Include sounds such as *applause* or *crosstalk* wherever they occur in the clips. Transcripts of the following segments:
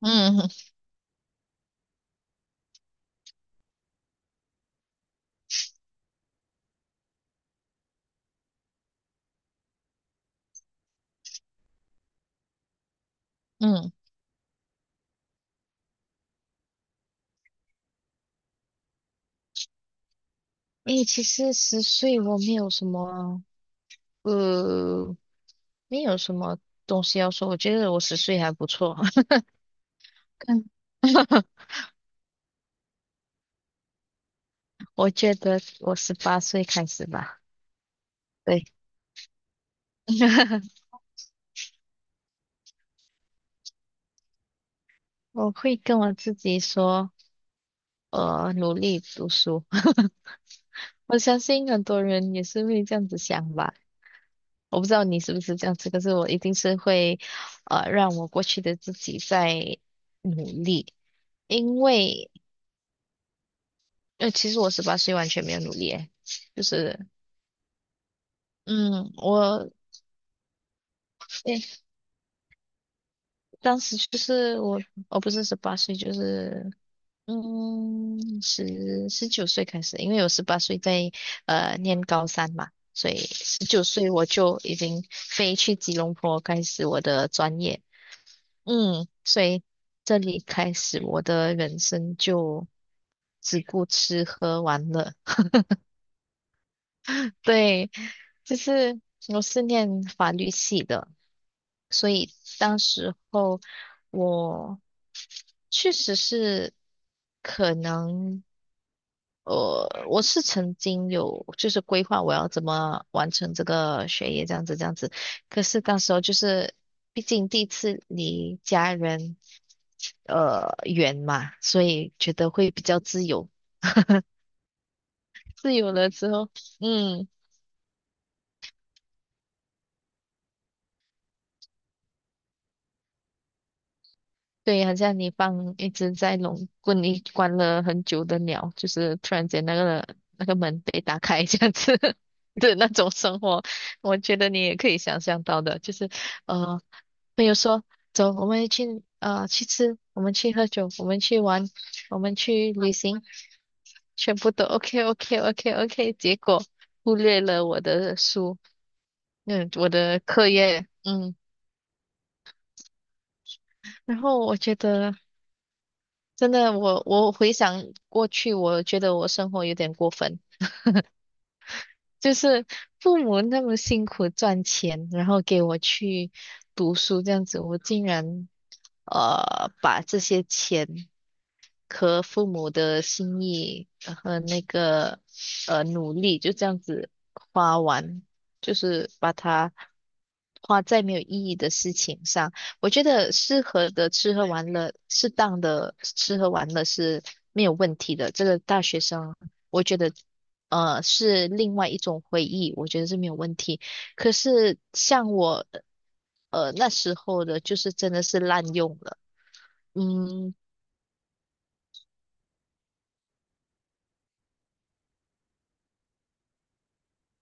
嗯嗯，诶，其实十岁我没有什么，呃，没有什么东西要说。我觉得我10岁还不错，*laughs* 嗯 *laughs* 我觉得我18岁开始吧。对，*laughs* 我会跟我自己说，努力读书。*laughs* 我相信很多人也是会这样子想吧。我不知道你是不是这样子，可是我一定是会，让我过去的自己在努力。因为其实我十八岁完全没有努力，诶，就是，嗯，诶，当时就是我不是十八岁，就是，嗯，十九岁开始，因为我十八岁在念高三嘛，所以十九岁我就已经飞去吉隆坡开始我的专业，嗯，所以这里开始我的人生就只顾吃喝玩乐，对，就是我是念法律系的。所以当时候我确实是可能，我是曾经有就是规划我要怎么完成这个学业这样子，可是当时候就是毕竟第1次离家人远嘛，所以觉得会比较自由，自由了之后，嗯。对，好像你放1只在笼棍里关了很久的鸟，就是突然间那个门被打开这样子 *laughs* 的那种生活，我觉得你也可以想象到的，就是呃，朋友说走，我们去去吃，我们去喝酒，我们去玩，我们去旅行，全部都 OK OK OK OK，结果忽略了我的书，嗯，我的课业，嗯。然后我觉得，真的，我回想过去，我觉得我生活有点过分。就是父母那么辛苦赚钱，然后给我去读书这样子，我竟然把这些钱和父母的心意和那个努力就这样子花完，就是把它花在没有意义的事情上。我觉得适合的吃喝玩乐，适当的吃喝玩乐是没有问题的，这个大学生我觉得是另外一种回忆，我觉得是没有问题。可是像我那时候的，就是真的是滥用了，嗯，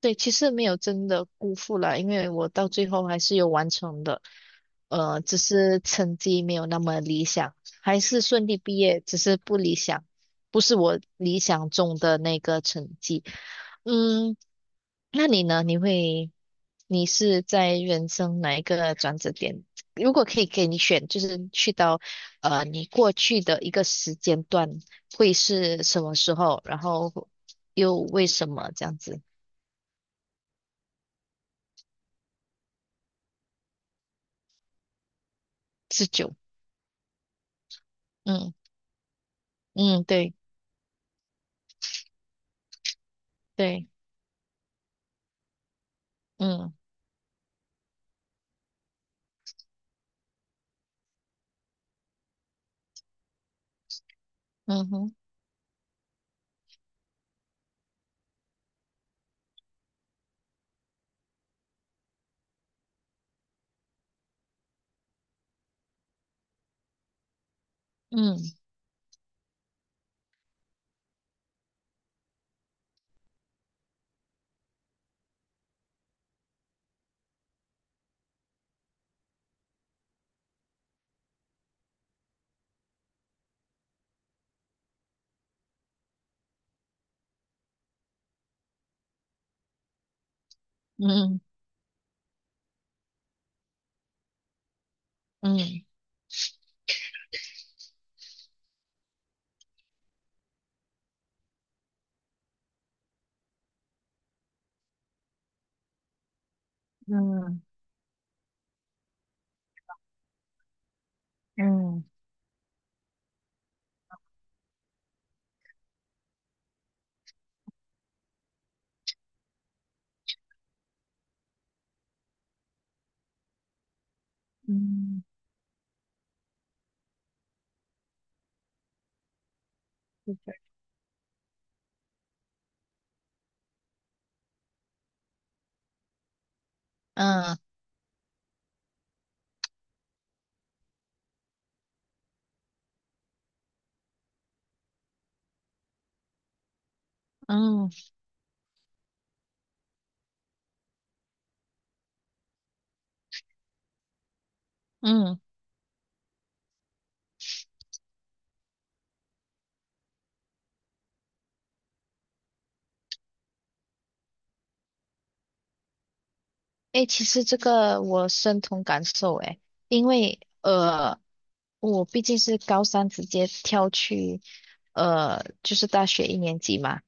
对，其实没有真的辜负了，因为我到最后还是有完成的，只是成绩没有那么理想，还是顺利毕业，只是不理想，不是我理想中的那个成绩，嗯，那你呢？你会？你是在人生哪一个转折点？如果可以给你选，就是去到你过去的一个时间段，会是什么时候？然后又为什么这样子持久？嗯嗯，对对，嗯嗯哼，嗯嗯嗯嗯嗯嗯，是的嗯嗯嗯，诶，其实这个我深同感受，诶，因为我毕竟是高三直接跳去。就是大学一年级嘛，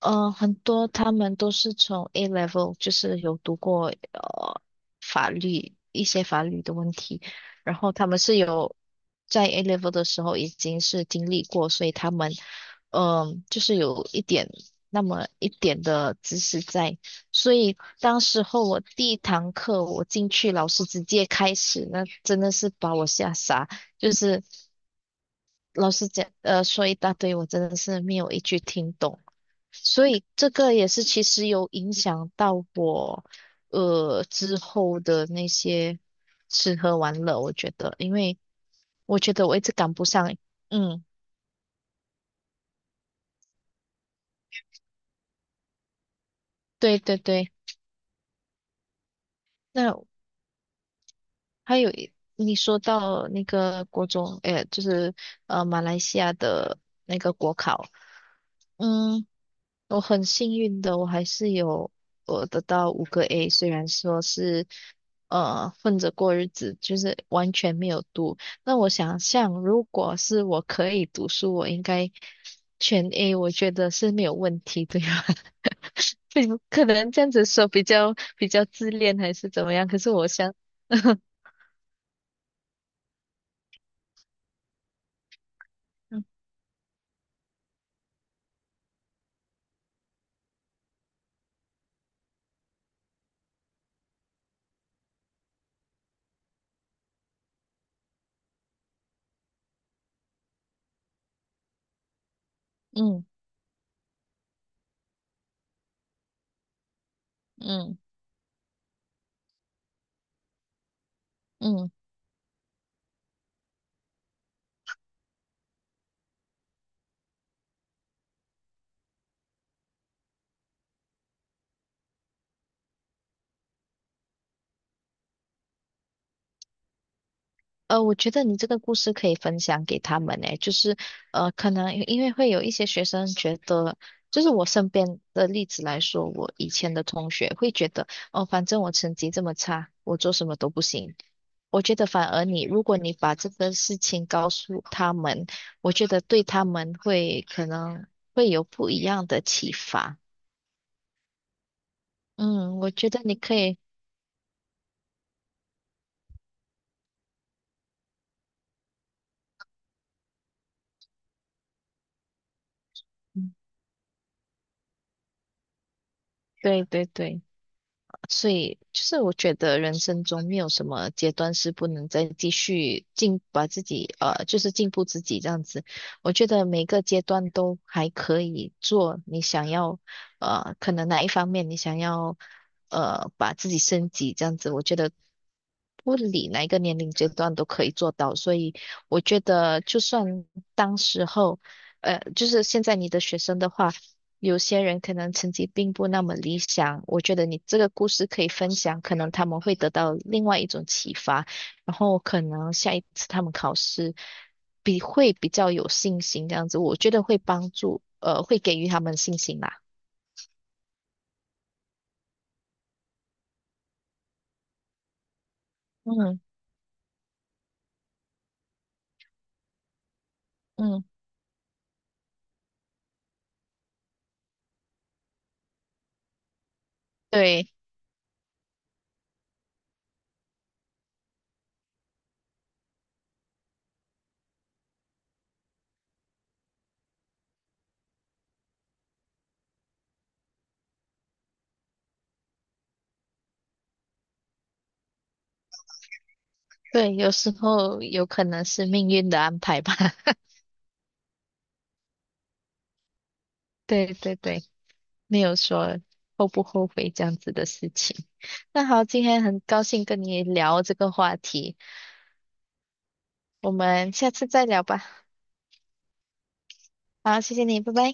呃，很多他们都是从 A level，就是有读过法律一些法律的问题，然后他们是有在 A level 的时候已经是经历过，所以他们嗯、就是有1点那么1点的知识在，所以当时候我第1堂课我进去，老师直接开始，那真的是把我吓傻。就是老师讲，说一大堆，我真的是没有1句听懂。所以这个也是其实有影响到我，之后的那些吃喝玩乐，我觉得，因为我觉得我一直赶不上。嗯，对对对。那还有一你说到那个国中，哎，就是马来西亚的那个国考，嗯。我很幸运的，我还是有我得到5个A，虽然说是混着过日子，就是完全没有读。那我想象，如果是我可以读书，我应该全 A，我觉得是没有问题，对吧？*laughs* 对，可能这样子说比较自恋还是怎么样，可是我想，*laughs* 嗯嗯嗯嗯。我觉得你这个故事可以分享给他们诶，就是可能因为会有一些学生觉得，就是我身边的例子来说，我以前的同学会觉得，哦，反正我成绩这么差，我做什么都不行。我觉得反而你，如果你把这个事情告诉他们，我觉得对他们会可能会有不一样的启发。嗯，我觉得你可以，嗯，对对对。所以就是我觉得人生中没有什么阶段是不能再继续进，把自己就是进步自己这样子。我觉得每个阶段都还可以做你想要可能哪一方面你想要把自己升级这样子，我觉得不理哪一个年龄阶段都可以做到。所以我觉得就算当时候就是现在你的学生的话。有些人可能成绩并不那么理想，我觉得你这个故事可以分享，可能他们会得到另外一种启发，然后可能下1次他们考试比会比较有信心，这样子，我觉得会帮助，会给予他们信心啦。嗯嗯，对对，有时候有可能是命运的安排吧。*laughs* 对对对，没有说后不后悔这样子的事情。那好，今天很高兴跟你聊这个话题，我们下次再聊吧。好，谢谢你，拜拜。